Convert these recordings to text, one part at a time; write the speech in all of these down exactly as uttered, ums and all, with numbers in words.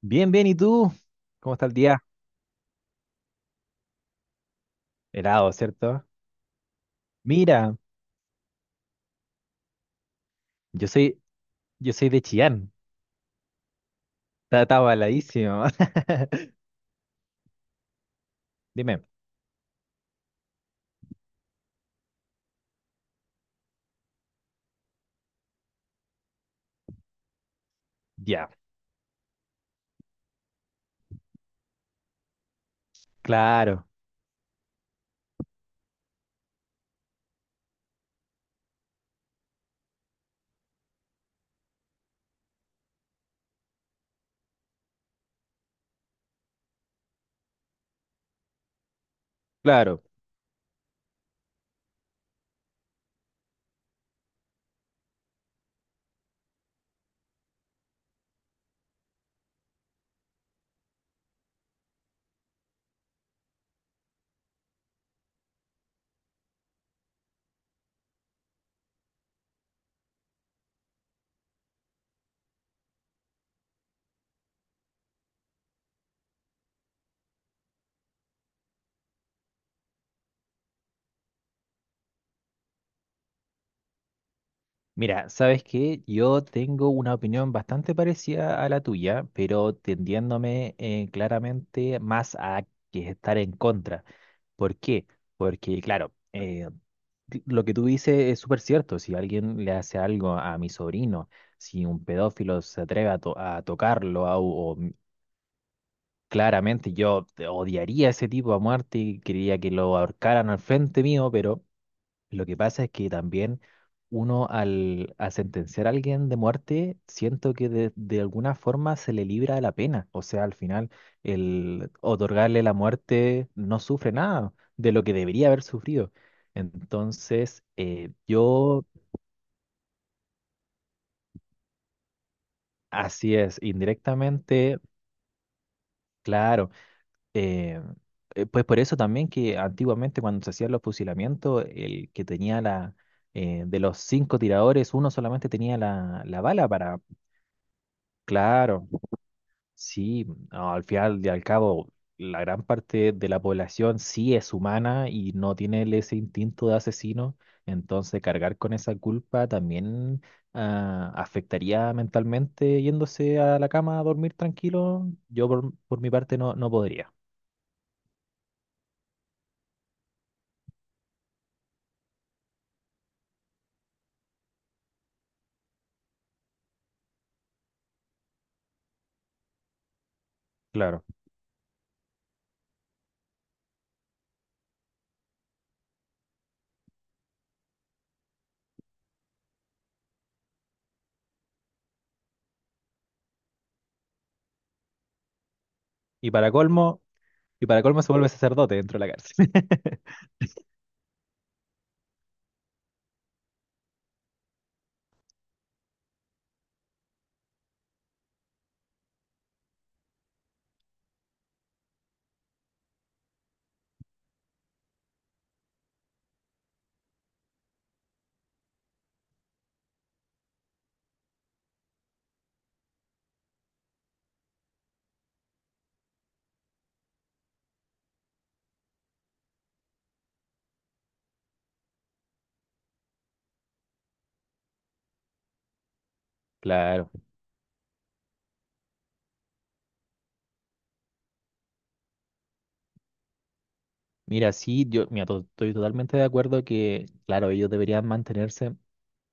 Bien, bien, ¿y tú? ¿Cómo está el día? Helado, ¿cierto? Mira, yo soy, yo soy de Chillán. Está, está baladísimo. Dime, ya, claro, claro. Mira, ¿sabes qué? Yo tengo una opinión bastante parecida a la tuya, pero tendiéndome eh, claramente más a que estar en contra. ¿Por qué? Porque, claro, eh, Cl- lo que tú dices es súper cierto. Si alguien le hace algo a mi sobrino, si un pedófilo se atreve a, to- a tocarlo, a- o m- claramente yo te odiaría a ese tipo a muerte y quería que lo ahorcaran al frente mío, pero lo que pasa es que también uno al, al sentenciar a alguien de muerte, siento que de, de alguna forma se le libra de la pena. O sea, al final, el otorgarle la muerte no sufre nada de lo que debería haber sufrido. Entonces, eh, yo, así es, indirectamente, claro. eh, eh, pues por eso también que antiguamente cuando se hacían los fusilamientos, el que tenía la... eh, de los cinco tiradores, uno solamente tenía la, la bala para. Claro, sí, no, al final y al cabo, la gran parte de la población sí es humana y no tiene el- ese instinto de asesino, entonces cargar con esa culpa también ah, afectaría mentalmente yéndose a la cama a dormir tranquilo. Yo por, por mi parte no, no podría, claro. Y para colmo, y para colmo se vuelve sacerdote dentro de la cárcel. Claro, mira, sí, yo mira, to- estoy totalmente de acuerdo que, claro, ellos deberían mantenerse.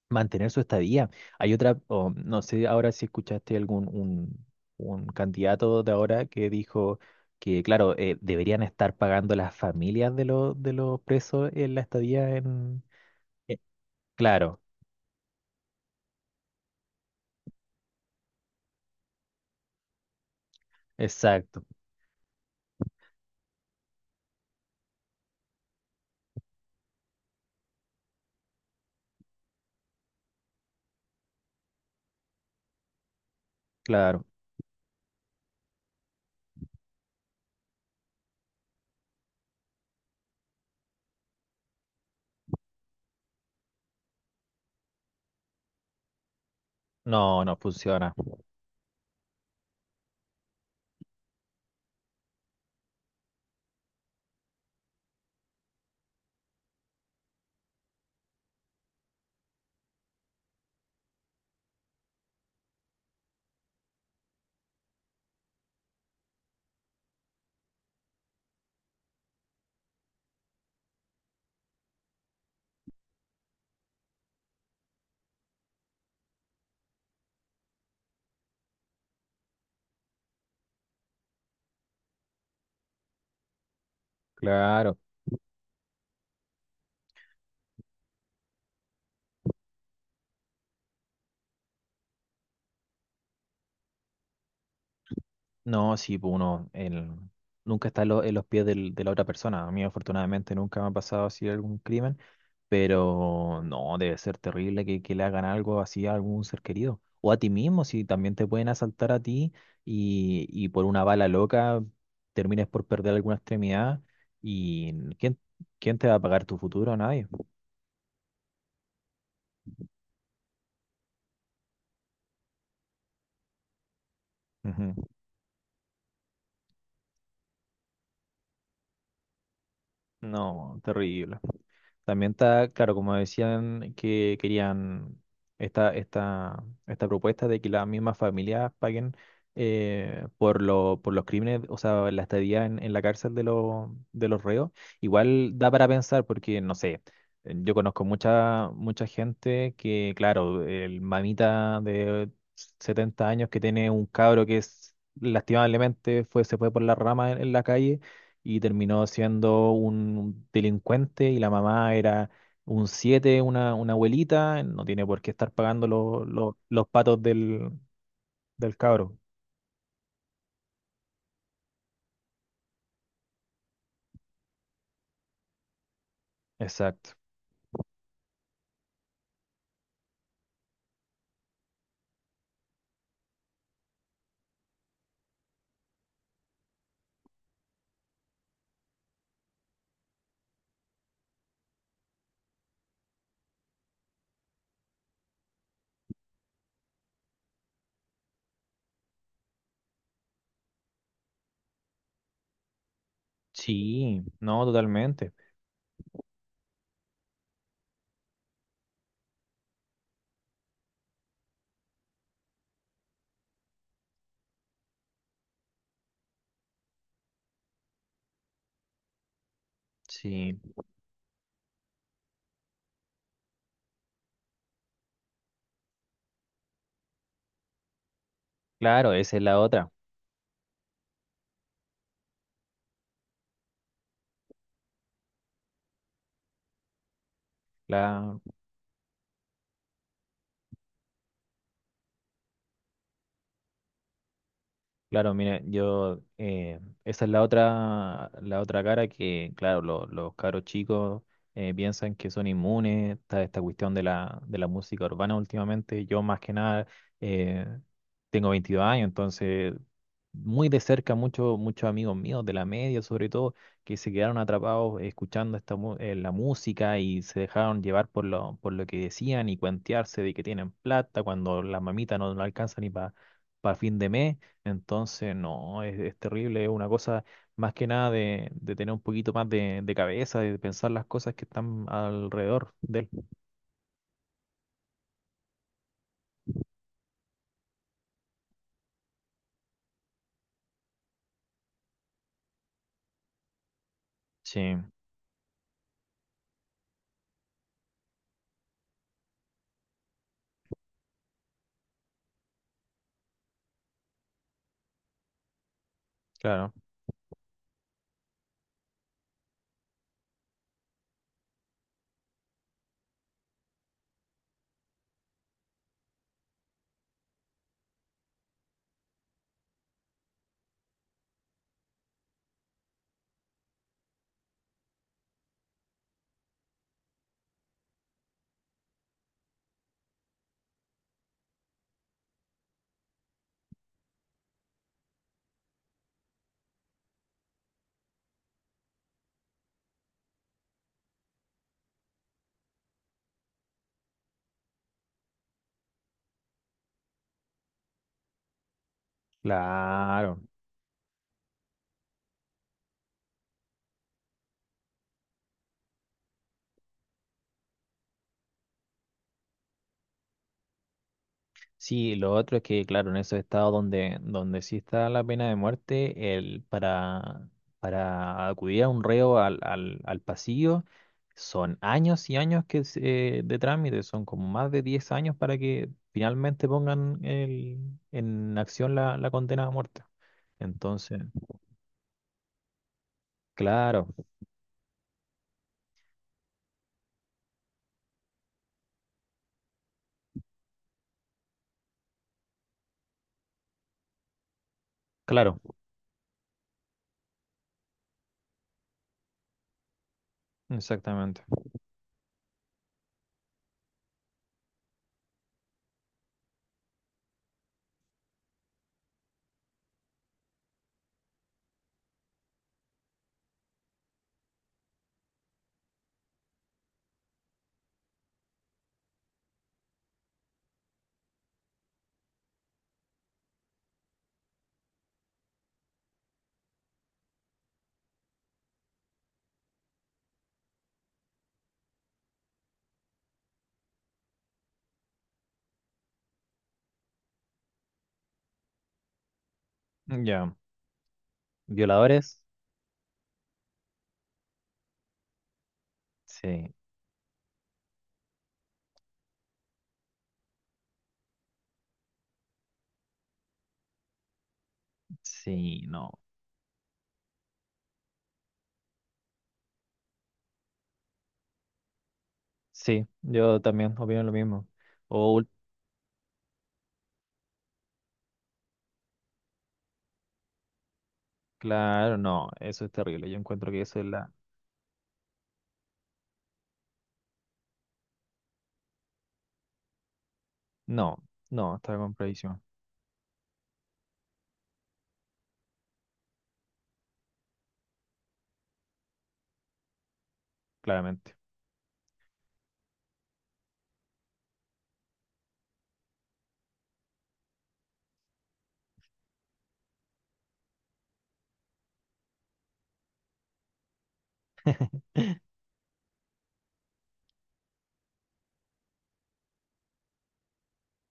Mantener su estadía. Hay otra, o no sé ahora si escuchaste algún un, un candidato de ahora que dijo que, claro, eh, deberían estar pagando las familias de los, de los presos en la estadía en... eh, claro, exacto, claro. No, no funciona. Claro. No, sí, pues uno el- nunca está en, lo- en los pies del- de la otra persona. A mí afortunadamente nunca me ha pasado así algún crimen. Pero no, debe ser terrible que, que le hagan algo así a algún ser querido. O a ti mismo, si también te pueden asaltar a ti y, y por una bala loca termines por perder alguna extremidad. ¿Y quién, quién te va a pagar tu futuro? Nadie. Ujú. No, terrible. También está, claro, como decían que querían esta, esta, esta propuesta de que las mismas familias paguen, eh, por, lo, por los crímenes, o sea, la estadía en, en la cárcel de, los de los reos, igual da para pensar porque, no sé, eh, yo conozco mucha, mucha gente que, claro, el mamita de setenta años que tiene un cabro que es, lastimablemente fue, se fue por la rama en en la calle y terminó siendo un delincuente y la mamá era un siete, una, una abuelita, eh, no tiene por qué estar pagando lo- lo- los patos del, del cabro. Exacto. Sí, no, totalmente. Sí, claro, esa es la otra. Claro, mire, yo, eh, esa es la otra, la otra cara que, claro, lo- los caros chicos eh, piensan que son inmunes, está esta cuestión de la, de la música urbana últimamente, yo más que nada eh, tengo veintidós años, entonces muy de cerca muchos muchos amigos míos de la media, sobre todo, que se quedaron atrapados escuchando esta, mu- eh, la música y se dejaron llevar por lo, por lo que decían y cuentearse de que tienen plata cuando las mamitas no, no alcanzan ni para fin de mes. Entonces, no, es, es terrible, es una cosa más que nada de, de tener un poquito más de, de cabeza, de pensar las cosas que están alrededor de él. Sí, claro, claro. Sí, lo otro es que, claro, en esos estados donde, donde sí está la pena de muerte, el, para, para acudir a un reo al, al, al pasillo, son años y años que, se- eh, de trámite, son como más de diez años para que finalmente pongan el, en acción la, la condena a muerte. Entonces, claro, claro, exactamente. Ya, violadores, sí, sí, no. Sí, yo también opino lo mismo. O, ul- claro, no, eso es terrible. Yo encuentro que eso es la. No, no, está con predicción, claramente.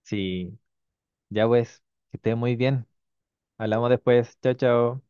Sí, ya pues, que estés muy bien. Hablamos después. Chao, chao.